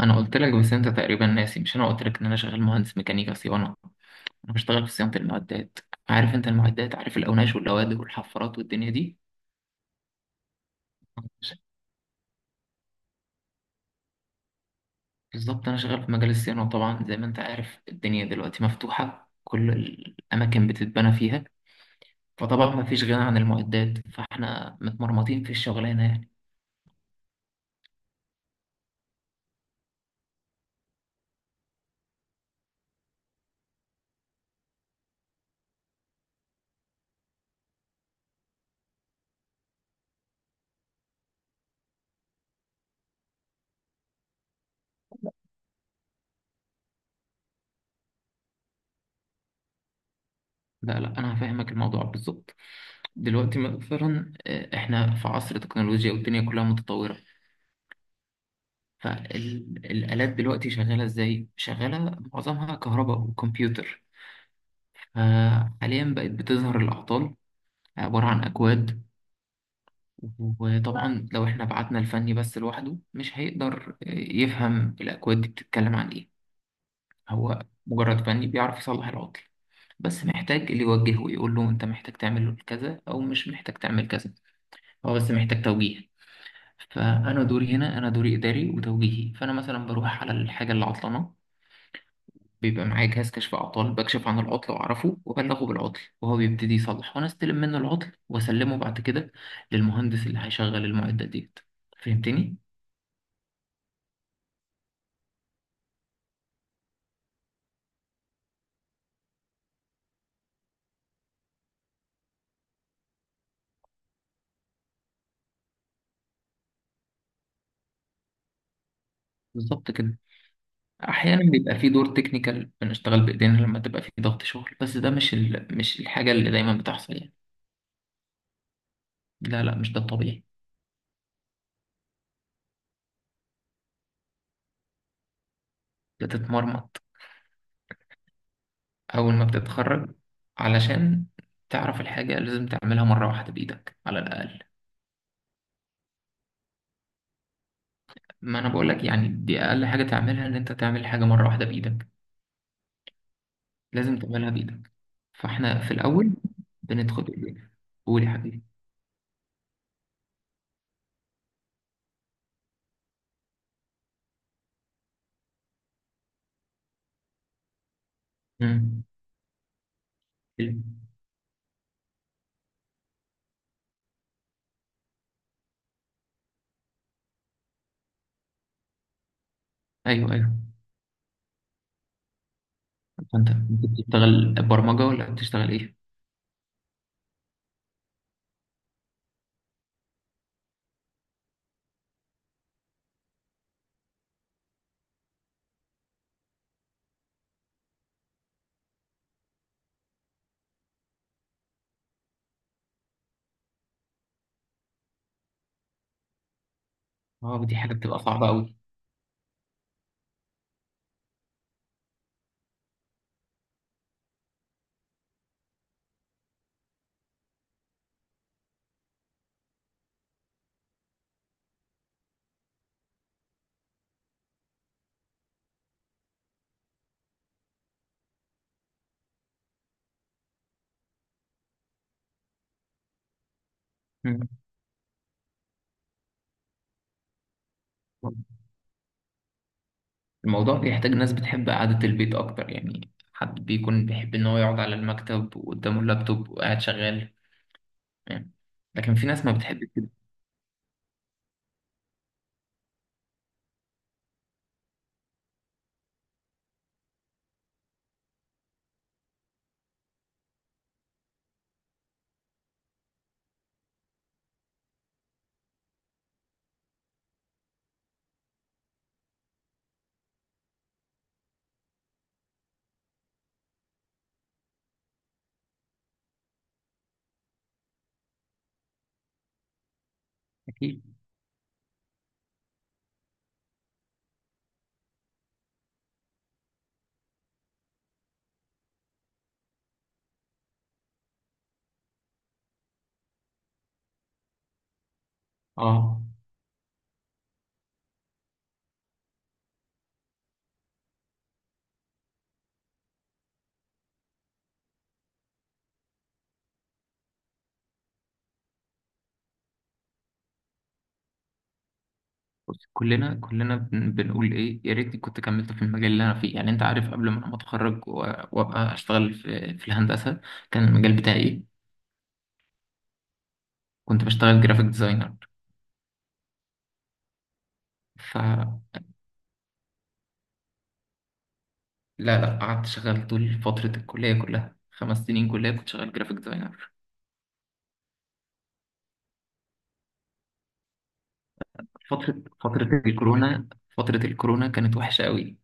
انا قلت لك. بس انت تقريبا ناسي، مش انا قلت لك ان انا شغال مهندس ميكانيكا صيانه. انا بشتغل في صيانه المعدات. عارف انت المعدات؟ عارف الاوناش واللوادر والحفارات والدنيا دي. بالظبط، انا شغال في مجال الصيانه، طبعا زي ما انت عارف الدنيا دلوقتي مفتوحه، كل الاماكن بتتبنى فيها. فطبعا ما فيش غنى عن المعدات، فاحنا متمرمطين في الشغلانه يعني. لا لا، انا هفهمك الموضوع بالظبط. دلوقتي مثلا احنا في عصر تكنولوجيا والدنيا كلها متطوره. فالآلات دلوقتي شغالة إزاي؟ شغالة معظمها كهرباء وكمبيوتر. فحاليا بقت بتظهر الأعطال عبارة عن أكواد. وطبعا لو احنا بعتنا الفني بس لوحده مش هيقدر يفهم الأكواد دي بتتكلم عن إيه. هو مجرد فني بيعرف يصلح العطل، بس محتاج اللي يوجهه ويقول له انت محتاج تعمل كذا او مش محتاج تعمل كذا. هو بس محتاج توجيه. فانا دوري هنا، انا دوري اداري وتوجيهي، فانا مثلا بروح على الحاجه اللي عطلانه، بيبقى معايا جهاز كشف أعطال، بكشف عن العطل وأعرفه وأبلغه بالعطل، وهو بيبتدي يصلح وأنا أستلم منه العطل وأسلمه بعد كده للمهندس اللي هيشغل المعدات ديت. فهمتني؟ بالظبط كده. أحيانا بيبقى في دور تكنيكال، بنشتغل بإيدينا لما تبقى في ضغط شغل، بس ده مش الحاجة اللي دايما بتحصل يعني. لا لا، مش ده الطبيعي. بتتمرمط أول ما بتتخرج، علشان تعرف الحاجة لازم تعملها مرة واحدة بإيدك على الأقل. ما أنا بقولك يعني، دي أقل حاجة تعملها، إن أنت تعمل حاجة مرة واحدة بإيدك. لازم تعملها بإيدك. فإحنا في الأول بندخل بإيدينا. قول يا حبيبي. مم. ال- أيوه أيوه. فأنت بتشتغل برمجة ولا بتشتغل إيه؟ أه دي حاجة بتبقى صعبة أوي. مم. الموضوع بيحتاج ناس بتحب قعدة البيت أكتر، يعني حد بيكون بيحب إن هو يقعد على المكتب وقدامه اللابتوب وقاعد شغال يعني. لكن في ناس ما بتحب كده. أكيد. أه بص، كلنا كلنا بنقول ايه يا ريتني كنت كملت في المجال اللي انا فيه، يعني انت عارف قبل ما انا اتخرج وابقى اشتغل في الهندسه، كان المجال بتاعي ايه؟ كنت بشتغل جرافيك ديزاينر. فلا، لا لا، قعدت شغال طول فتره الكليه كلها، خمس سنين كليه كنت شغال جرافيك ديزاينر. فتره الكورونا، فتره الكورونا كانت وحشه قوي.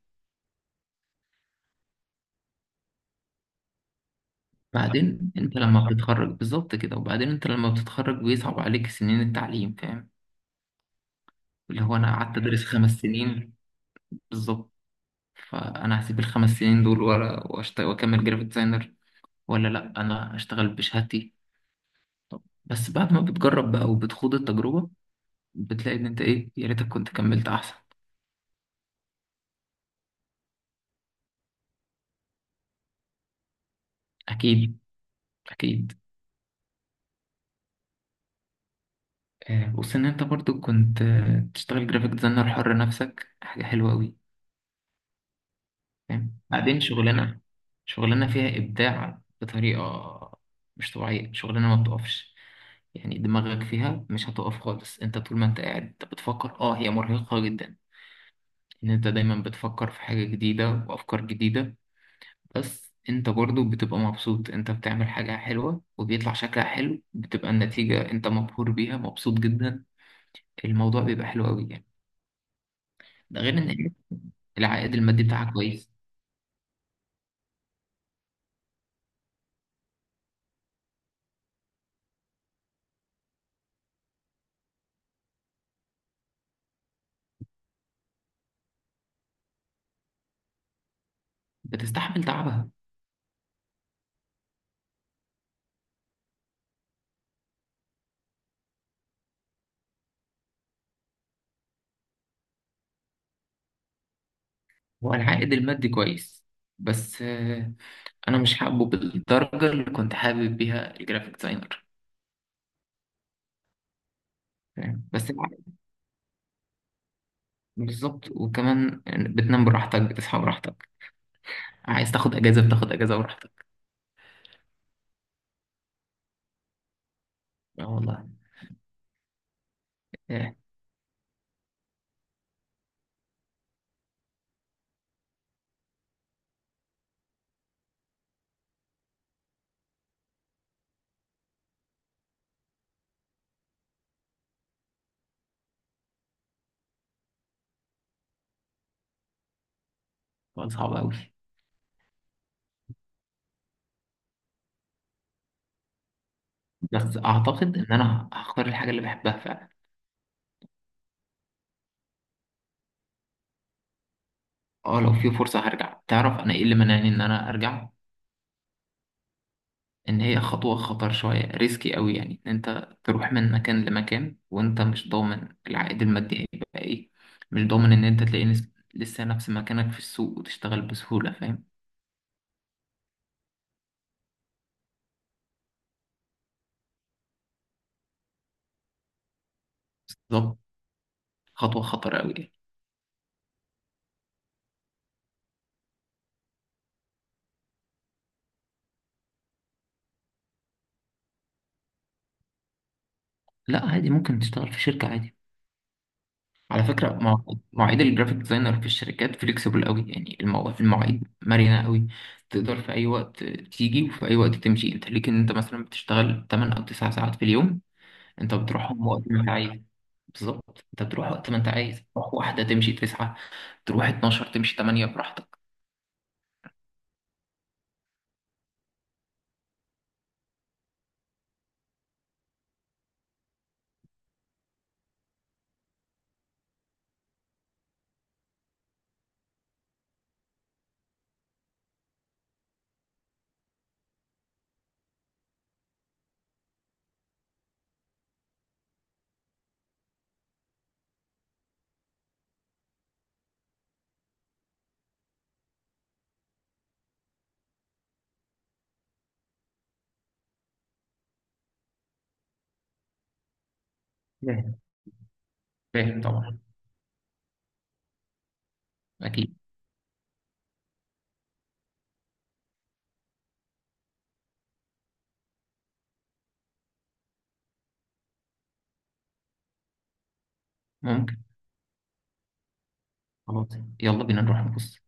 بعدين انت لما بتتخرج بالظبط كده، وبعدين انت لما بتتخرج بيصعب عليك سنين التعليم، فاهم؟ اللي هو انا قعدت ادرس خمس سنين. بالظبط. فانا هسيب الخمس سنين دول واكمل جرافيك ديزاينر، ولا لا انا اشتغل بشهادتي؟ طب بس بعد ما بتجرب بقى وبتخوض التجربه، بتلاقي ان انت ايه، يا ريتك كنت كملت احسن. اكيد اكيد. بص، ان انت برضو كنت تشتغل جرافيك ديزاينر حر نفسك، حاجه حلوه قوي. فاهم؟ بعدين شغلانه، شغلانه فيها ابداع بطريقه مش طبيعيه، شغلانه ما بتقفش يعني، دماغك فيها مش هتقف خالص. انت طول ما انت قاعد انت بتفكر، اه هي مرهقه جدا، ان انت دايما بتفكر في حاجة جديدة وافكار جديدة، بس انت برضو بتبقى مبسوط. انت بتعمل حاجة حلوة وبيطلع شكلها حلو، بتبقى النتيجة انت مبهور بيها، مبسوط جدا. الموضوع بيبقى حلو قوي يعني. ده غير ان العائد المادي بتاعها كويس. بتستحمل تعبها. والعائد المادي كويس، بس انا مش حابه بالدرجة اللي كنت حابب بيها الجرافيك ديزاينر. فاهم؟ بس العائد. بالظبط. وكمان بتنام براحتك، بتصحى براحتك، عايز تاخد اجازة بتاخد اجازة براحتك. اه والله. سؤال صعب أوي. بس أعتقد إن أنا هختار الحاجة اللي بحبها فعلا. أه لو في فرصة هرجع. تعرف أنا إيه اللي منعني إن أنا أرجع؟ إن هي خطوة خطر شوية، ريسكي أوي يعني، إن أنت تروح من مكان لمكان وأنت مش ضامن العائد المادي هيبقى إيه، مش ضامن إن أنت تلاقي لسه نفس مكانك في السوق وتشتغل بسهولة، فاهم؟ بالظبط. خطوة خطر أوي يعني. لا عادي، ممكن تشتغل في شركة عادي. على فكرة، مواعيد الجرافيك ديزاينر في الشركات فليكسيبل قوي يعني. المواعيد مرنة قوي. تقدر في أي وقت تيجي وفي أي وقت تمشي، أنت ليك إن أنت مثلا بتشتغل 8 أو 9 ساعات في اليوم، أنت بتروحهم وقت ما أنت عايز. بالظبط، أنت بتروح وقت ما أنت عايز تروح. واحدة تمشي 9، تروح 12 تمشي 8، براحتك. فاهم فاهم طبعا. أكيد. ممكن. خلاص، يلا بينا نروح نبص.